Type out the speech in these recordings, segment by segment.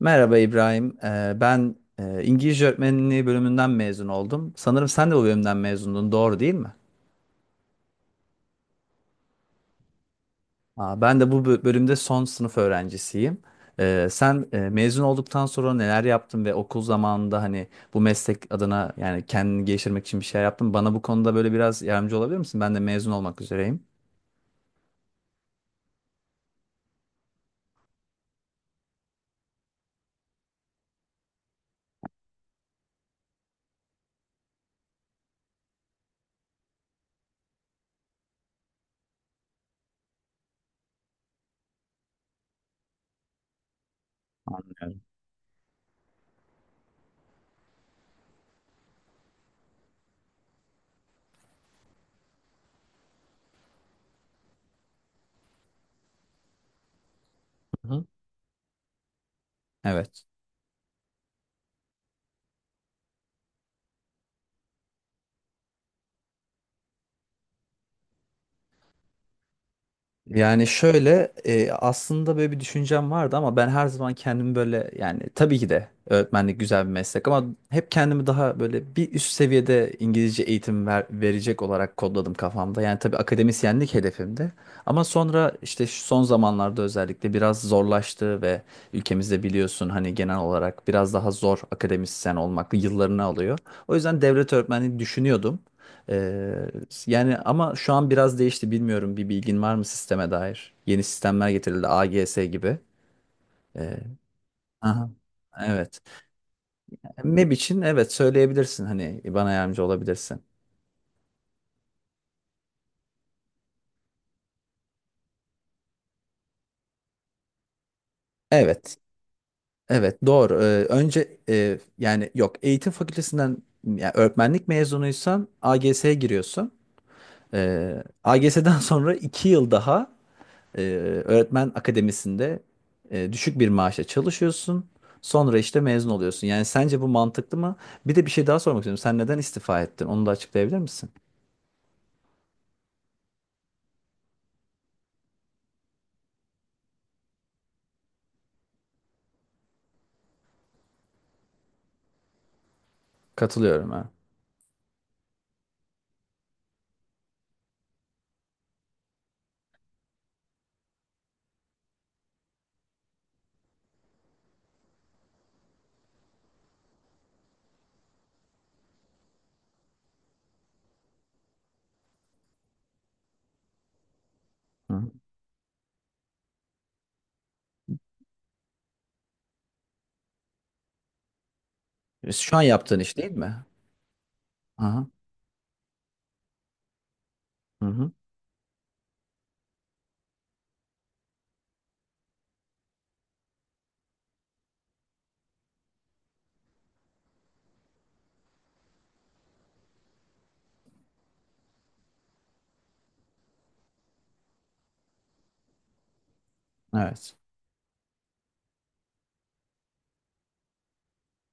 Merhaba İbrahim. Ben İngilizce öğretmenliği bölümünden mezun oldum. Sanırım sen de bu bölümden mezundun, doğru değil mi? Aa, ben de bu bölümde son sınıf öğrencisiyim. Sen mezun olduktan sonra neler yaptın ve okul zamanında hani bu meslek adına yani kendini geliştirmek için bir şey yaptın mı? Bana bu konuda böyle biraz yardımcı olabilir misin? Ben de mezun olmak üzereyim. Yani. Hı hı. Evet. Yani şöyle, aslında böyle bir düşüncem vardı ama ben her zaman kendimi böyle yani tabii ki de öğretmenlik güzel bir meslek ama hep kendimi daha böyle bir üst seviyede İngilizce eğitim verecek olarak kodladım kafamda. Yani tabii akademisyenlik hedefimdi ama sonra işte şu son zamanlarda özellikle biraz zorlaştı ve ülkemizde biliyorsun hani genel olarak biraz daha zor, akademisyen olmak yıllarını alıyor. O yüzden devlet öğretmenliği düşünüyordum. Ee, yani ama şu an biraz değişti, bilmiyorum, bir bilgin var mı sisteme dair? Yeni sistemler getirildi, AGS gibi. Ee, aha, evet. MEB için evet söyleyebilirsin, hani bana yardımcı olabilirsin. Evet. Evet, doğru. Önce yani yok, eğitim fakültesinden yani öğretmenlik mezunuysan AGS'ye giriyorsun. AGS'den sonra 2 yıl daha Ee, öğretmen akademisinde düşük bir maaşla çalışıyorsun. Sonra işte mezun oluyorsun. Yani sence bu mantıklı mı? Bir de bir şey daha sormak istiyorum. Sen neden istifa ettin? Onu da açıklayabilir misin? Katılıyorum, ha. Hı. Şu an yaptığın iş değil mi? Aha. Hı hı. Evet.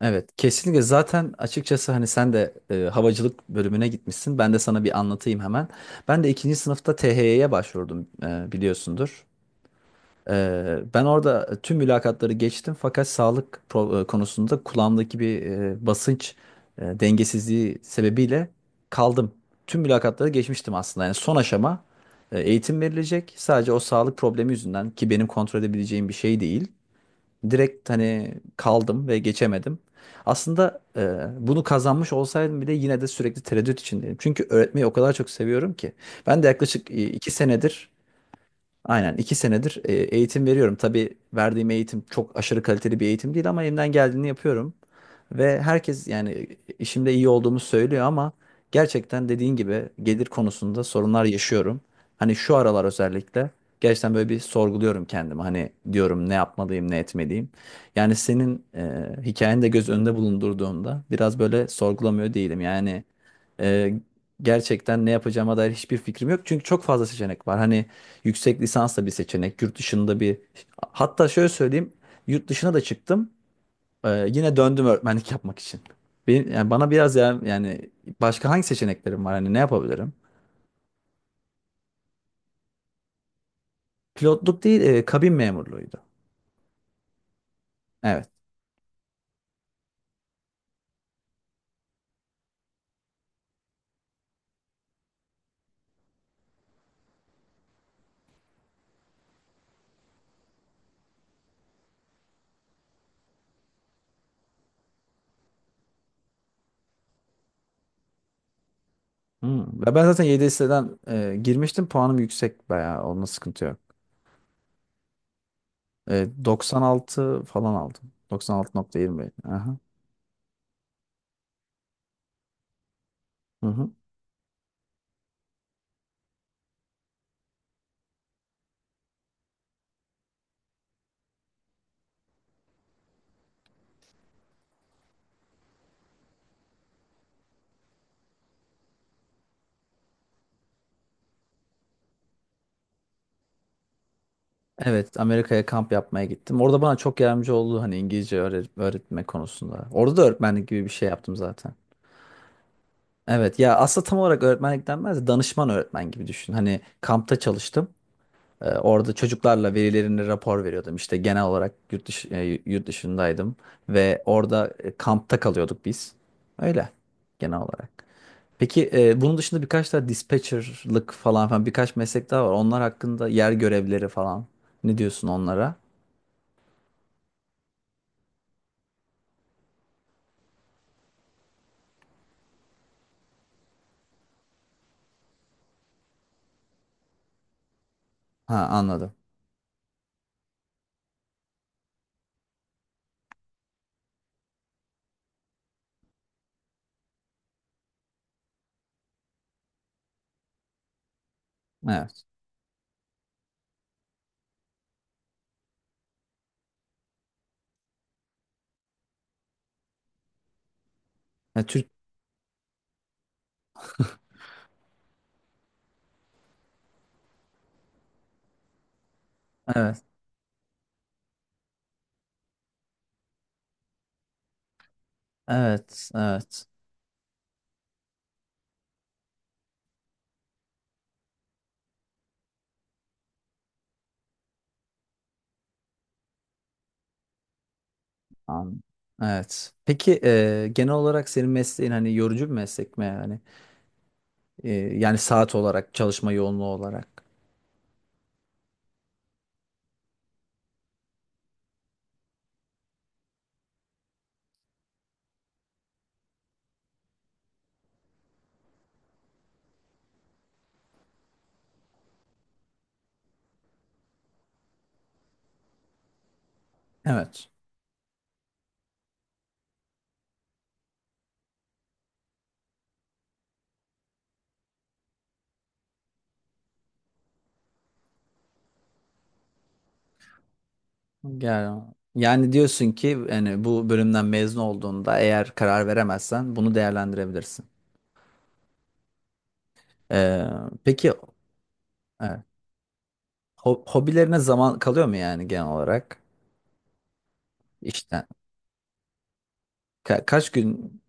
Evet, kesinlikle. Zaten açıkçası hani sen de havacılık bölümüne gitmişsin. Ben de sana bir anlatayım hemen. Ben de ikinci sınıfta THY'ye başvurdum, biliyorsundur. Ben orada tüm mülakatları geçtim, fakat sağlık konusunda, kulağımdaki bir basınç dengesizliği sebebiyle kaldım. Tüm mülakatları geçmiştim aslında. Yani son aşama eğitim verilecek. Sadece o sağlık problemi yüzünden, ki benim kontrol edebileceğim bir şey değil. Direkt hani kaldım ve geçemedim. Aslında bunu kazanmış olsaydım bile yine de sürekli tereddüt içindeyim. Çünkü öğretmeyi o kadar çok seviyorum ki. Ben de yaklaşık 2 senedir. Aynen, 2 senedir eğitim veriyorum. Tabii verdiğim eğitim çok aşırı kaliteli bir eğitim değil ama elimden geldiğini yapıyorum. Ve herkes yani işimde iyi olduğumu söylüyor ama gerçekten dediğin gibi gelir konusunda sorunlar yaşıyorum. Hani şu aralar özellikle gerçekten böyle bir sorguluyorum kendimi. Hani diyorum, ne yapmalıyım, ne etmeliyim. Yani senin hikayeni de göz önünde bulundurduğumda biraz böyle sorgulamıyor değilim. Yani ee, gerçekten ne yapacağıma dair hiçbir fikrim yok. Çünkü çok fazla seçenek var. Hani yüksek lisans da bir seçenek, yurt dışında bir... Hatta şöyle söyleyeyim, yurt dışına da çıktım. Yine döndüm öğretmenlik yapmak için. Benim, yani bana biraz, ya yani başka hangi seçeneklerim var? Hani ne yapabilirim? Pilotluk değil, kabin memurluğuydu. Evet. Hmm. Ve ben zaten YDS'den girmiştim. Puanım yüksek bayağı. Onunla sıkıntı yok. 96 falan aldım. 96,20. Aha. Hı hı. Evet, Amerika'ya kamp yapmaya gittim. Orada bana çok yardımcı oldu, hani İngilizce öğretme konusunda. Orada da öğretmenlik gibi bir şey yaptım zaten. Evet ya, aslında tam olarak öğretmenlik denmez de danışman öğretmen gibi düşün. Hani kampta çalıştım. Orada çocuklarla velilerine rapor veriyordum. İşte genel olarak yurt dışındaydım ve orada kampta kalıyorduk biz. Öyle, genel olarak. Peki, bunun dışında birkaç daha dispatcher'lık falan falan, birkaç meslek daha var. Onlar hakkında, yer görevleri falan. Ne diyorsun onlara? Ha, anladım. Evet. Ya, Türk, evet. Evet. Evet. An, evet. Peki, genel olarak senin mesleğin hani yorucu bir meslek mi yani? Yani saat olarak, çalışma yoğunluğu olarak. Evet. Yani, yani diyorsun ki, yani bu bölümden mezun olduğunda eğer karar veremezsen bunu değerlendirebilirsin. E, peki evet. Hobilerine zaman kalıyor mu, yani genel olarak? İşte kaç gün.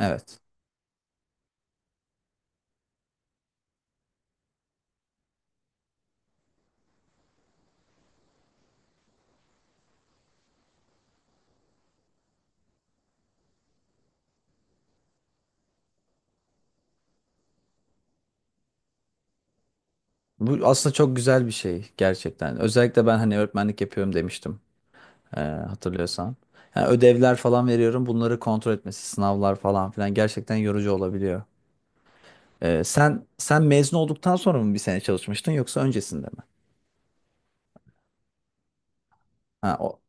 Evet. Bu aslında çok güzel bir şey gerçekten. Özellikle ben hani öğretmenlik yapıyorum demiştim, hatırlıyorsan. Yani ödevler falan veriyorum, bunları kontrol etmesi, sınavlar falan filan gerçekten yorucu olabiliyor. Sen mezun olduktan sonra mı bir sene çalışmıştın yoksa öncesinde mi? Ha, o,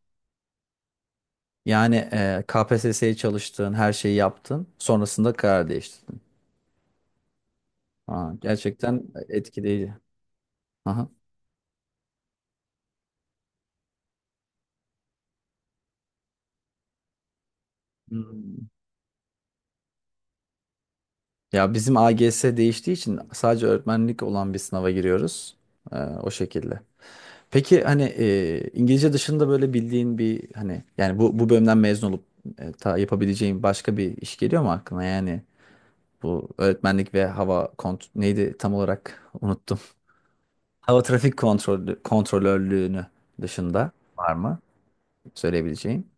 yani KPSS'ye çalıştın, her şeyi yaptın, sonrasında karar değiştirdin. Ha, gerçekten etkileyici. Aha. Hmm. Ya, bizim AGS değiştiği için sadece öğretmenlik olan bir sınava giriyoruz. O şekilde. Peki hani İngilizce dışında böyle bildiğin bir, hani yani bu bölümden mezun olup, e, ta yapabileceğin başka bir iş geliyor mu aklına? Yani bu öğretmenlik ve hava kont, neydi tam olarak, unuttum. Hava trafik kontrolörlüğünü dışında var mı söyleyebileceğin?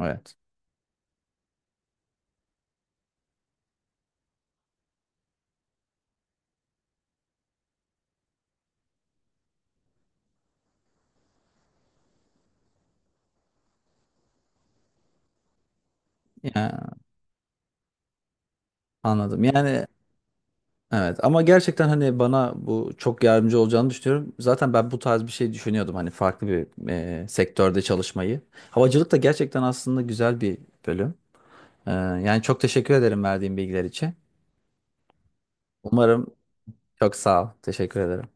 Evet. Ya, anladım. Yani. Evet, ama gerçekten hani bana bu çok yardımcı olacağını düşünüyorum. Zaten ben bu tarz bir şey düşünüyordum, hani farklı bir sektörde çalışmayı. Havacılık da gerçekten aslında güzel bir bölüm. Yani çok teşekkür ederim verdiğin bilgiler için. Umarım. Çok sağ ol. Teşekkür ederim.